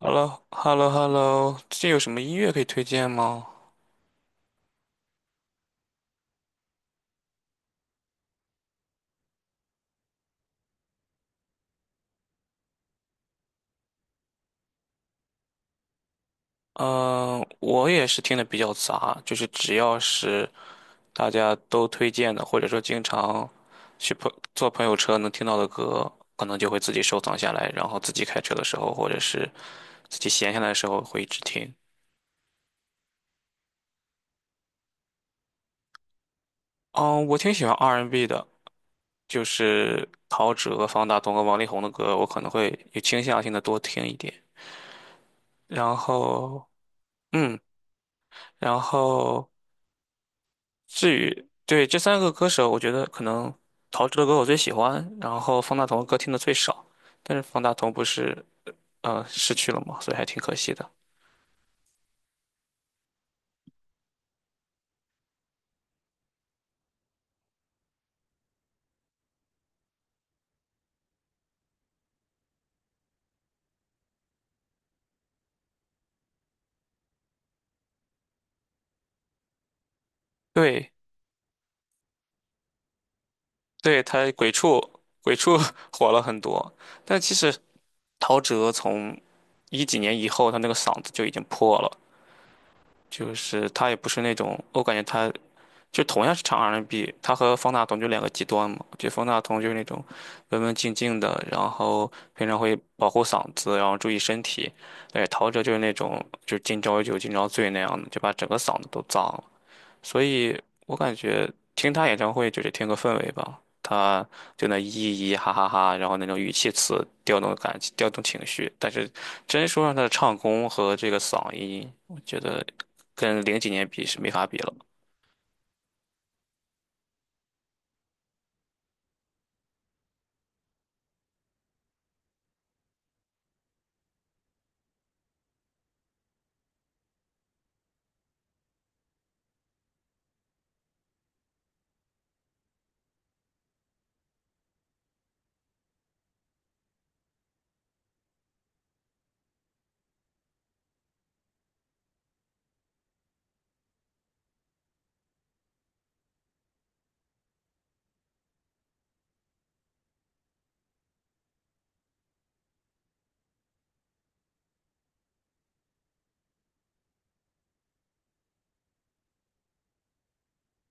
h e l l o h e l l o h e l l o 最近有什么音乐可以推荐吗？嗯，我也是听的比较杂，就是只要是大家都推荐的，或者说经常去朋友车能听到的歌，可能就会自己收藏下来，然后自己开车的时候，或者是自己闲下来的时候会一直听。嗯，我挺喜欢 R&B 的，就是陶喆、方大同和王力宏的歌，我可能会有倾向性的多听一点。然后，嗯，然后。至于对这三个歌手，我觉得可能陶喆的歌我最喜欢，然后方大同的歌听的最少。但是方大同不是逝去了嘛，所以还挺可惜的。对，对，他鬼畜鬼畜 火了很多，但其实陶喆从一几年以后，他那个嗓子就已经破了，就是他也不是那种，我感觉他就同样是唱 R&B，他和方大同就两个极端嘛。就方大同就是那种文文静静的，然后平常会保护嗓子，然后注意身体。对，陶喆就是那种就是今朝有酒今朝醉那样的，就把整个嗓子都脏了。所以我感觉听他演唱会就是听个氛围吧，他就那咿咿哈哈哈，然后那种语气词调动感情，调动情绪。但是真说让他的唱功和这个嗓音，我觉得跟零几年比是没法比了。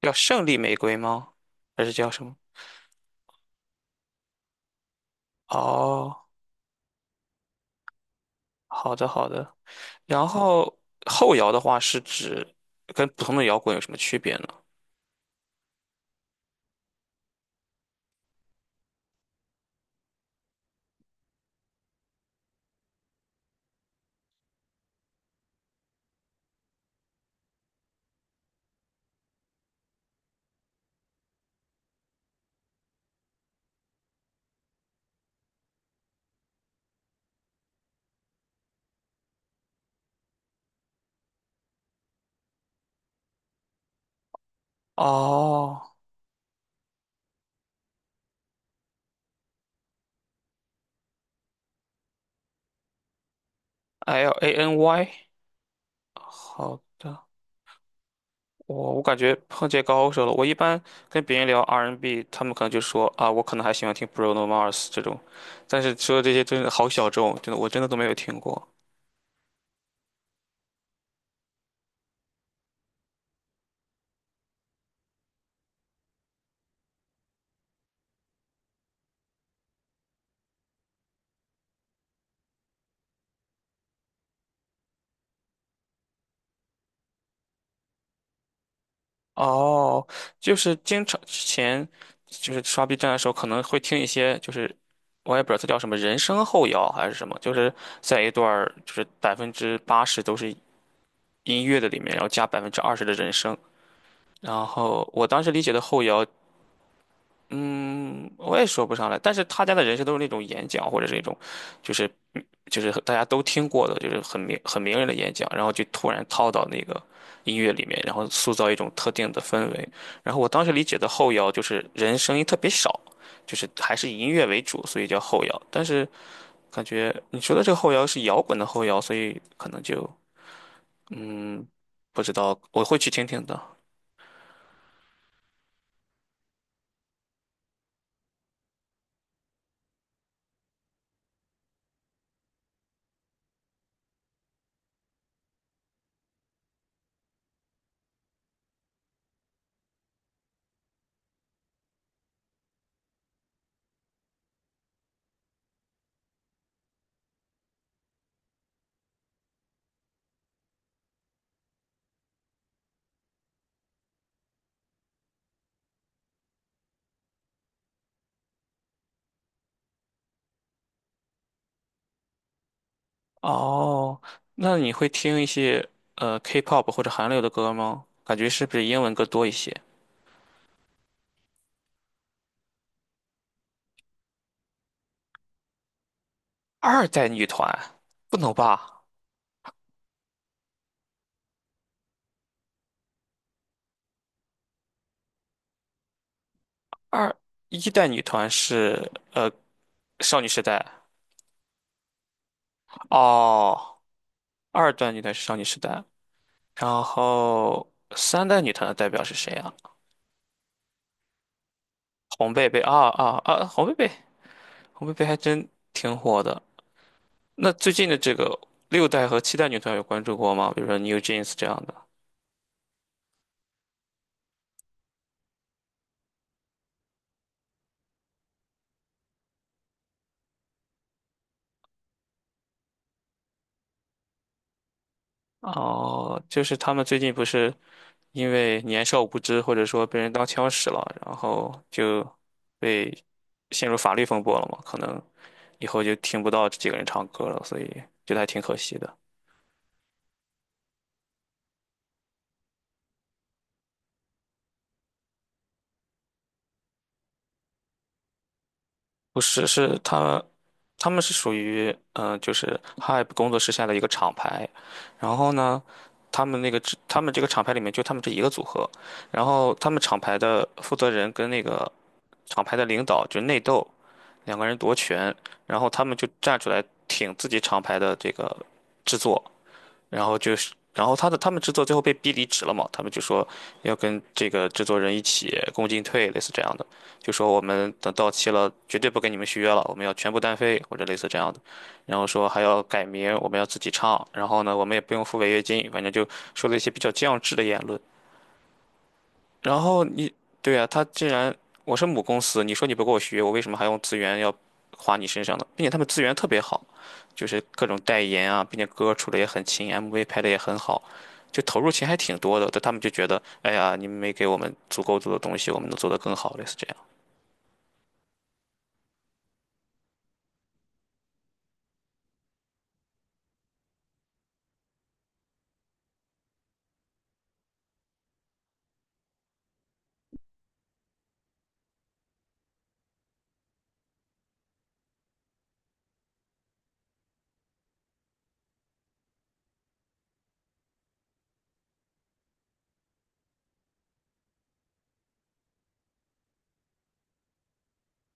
叫胜利玫瑰吗？还是叫什么？哦，好的好的。然后后摇的话是指跟普通的摇滚有什么区别呢？哦，LANY。好的，我感觉碰见高手了。我一般跟别人聊 R&B， 他们可能就说啊，我可能还喜欢听 Bruno Mars 这种，但是说这些真的好小众，真的我真的都没有听过。哦，就是经常之前就是刷 B 站的时候，可能会听一些，就是我也不知道它叫什么人声后摇还是什么，就是在一段儿就是80%都是音乐的里面，然后加20%的人声。然后我当时理解的后摇。嗯，我也说不上来，但是他家的人设都是那种演讲，或者是那种，就是就是大家都听过的，就是很名人的演讲，然后就突然套到那个音乐里面，然后塑造一种特定的氛围。然后我当时理解的后摇就是人声音特别少，就是还是以音乐为主，所以叫后摇。但是感觉你说的这个后摇是摇滚的后摇，所以可能就嗯不知道，我会去听听的。哦，那你会听一些K-pop 或者韩流的歌吗？感觉是不是英文歌多一些？二代女团不能吧？二一代女团是少女时代哦，二代女团是少女时代，然后三代女团的代表是谁啊？红贝贝啊啊啊！红贝贝，红贝贝还真挺火的。那最近的这个六代和七代女团有关注过吗？比如说 NewJeans 这样的。哦，就是他们最近不是因为年少无知，或者说被人当枪使了，然后就被陷入法律风波了嘛？可能以后就听不到这几个人唱歌了，所以觉得还挺可惜的。不是，是他们，他们是属于就是 Hype 工作室下的一个厂牌，然后呢，他们这个厂牌里面就他们这一个组合，然后他们厂牌的负责人跟那个厂牌的领导就内斗，两个人夺权，然后他们就站出来挺自己厂牌的这个制作，然后他们制作最后被逼离职了嘛，他们就说要跟这个制作人一起共进退，类似这样的，就说我们等到期了，绝对不跟你们续约了，我们要全部单飞或者类似这样的，然后说还要改名，我们要自己唱，然后呢，我们也不用付违约金，反正就说了一些比较降智的言论。然后你，对呀，他既然我是母公司，你说你不给我学，我为什么还用资源要花你身上呢？并且他们资源特别好，就是各种代言啊，并且歌出的也很勤，MV 拍的也很好，就投入钱还挺多的。但他们就觉得，哎呀，你们没给我们足够多的东西，我们能做得更好，类似这样。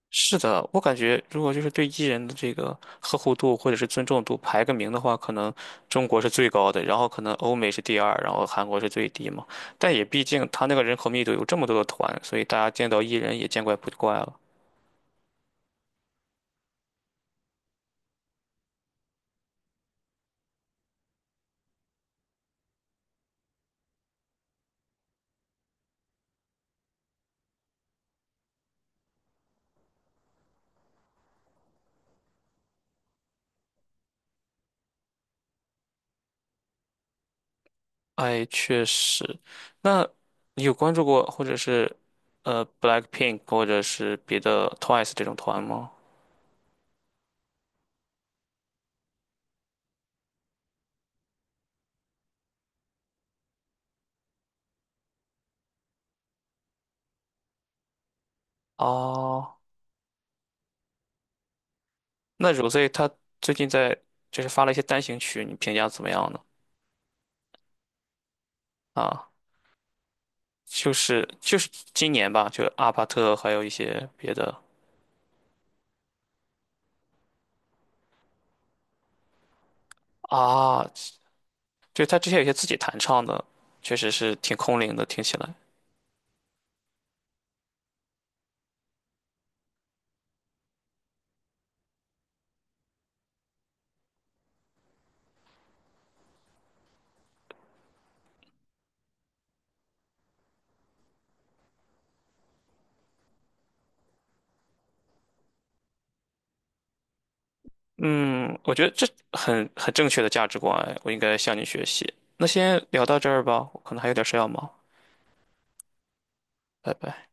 是的，我感觉如果就是对艺人的这个呵护度或者是尊重度排个名的话，可能中国是最高的，然后可能欧美是第二，然后韩国是最低嘛。但也毕竟他那个人口密度有这么多的团，所以大家见到艺人也见怪不怪了。哎，确实。那你有关注过或者是BLACKPINK 或者是别的 TWICE 这种团吗？哦，那 Rosé 他最近在就是发了一些单行曲，你评价怎么样呢？啊。就是今年吧，就阿帕特还有一些别的啊，就他之前有些自己弹唱的，确实是挺空灵的，听起来。嗯，我觉得这很正确的价值观，我应该向你学习。那先聊到这儿吧，我可能还有点事要忙，拜拜。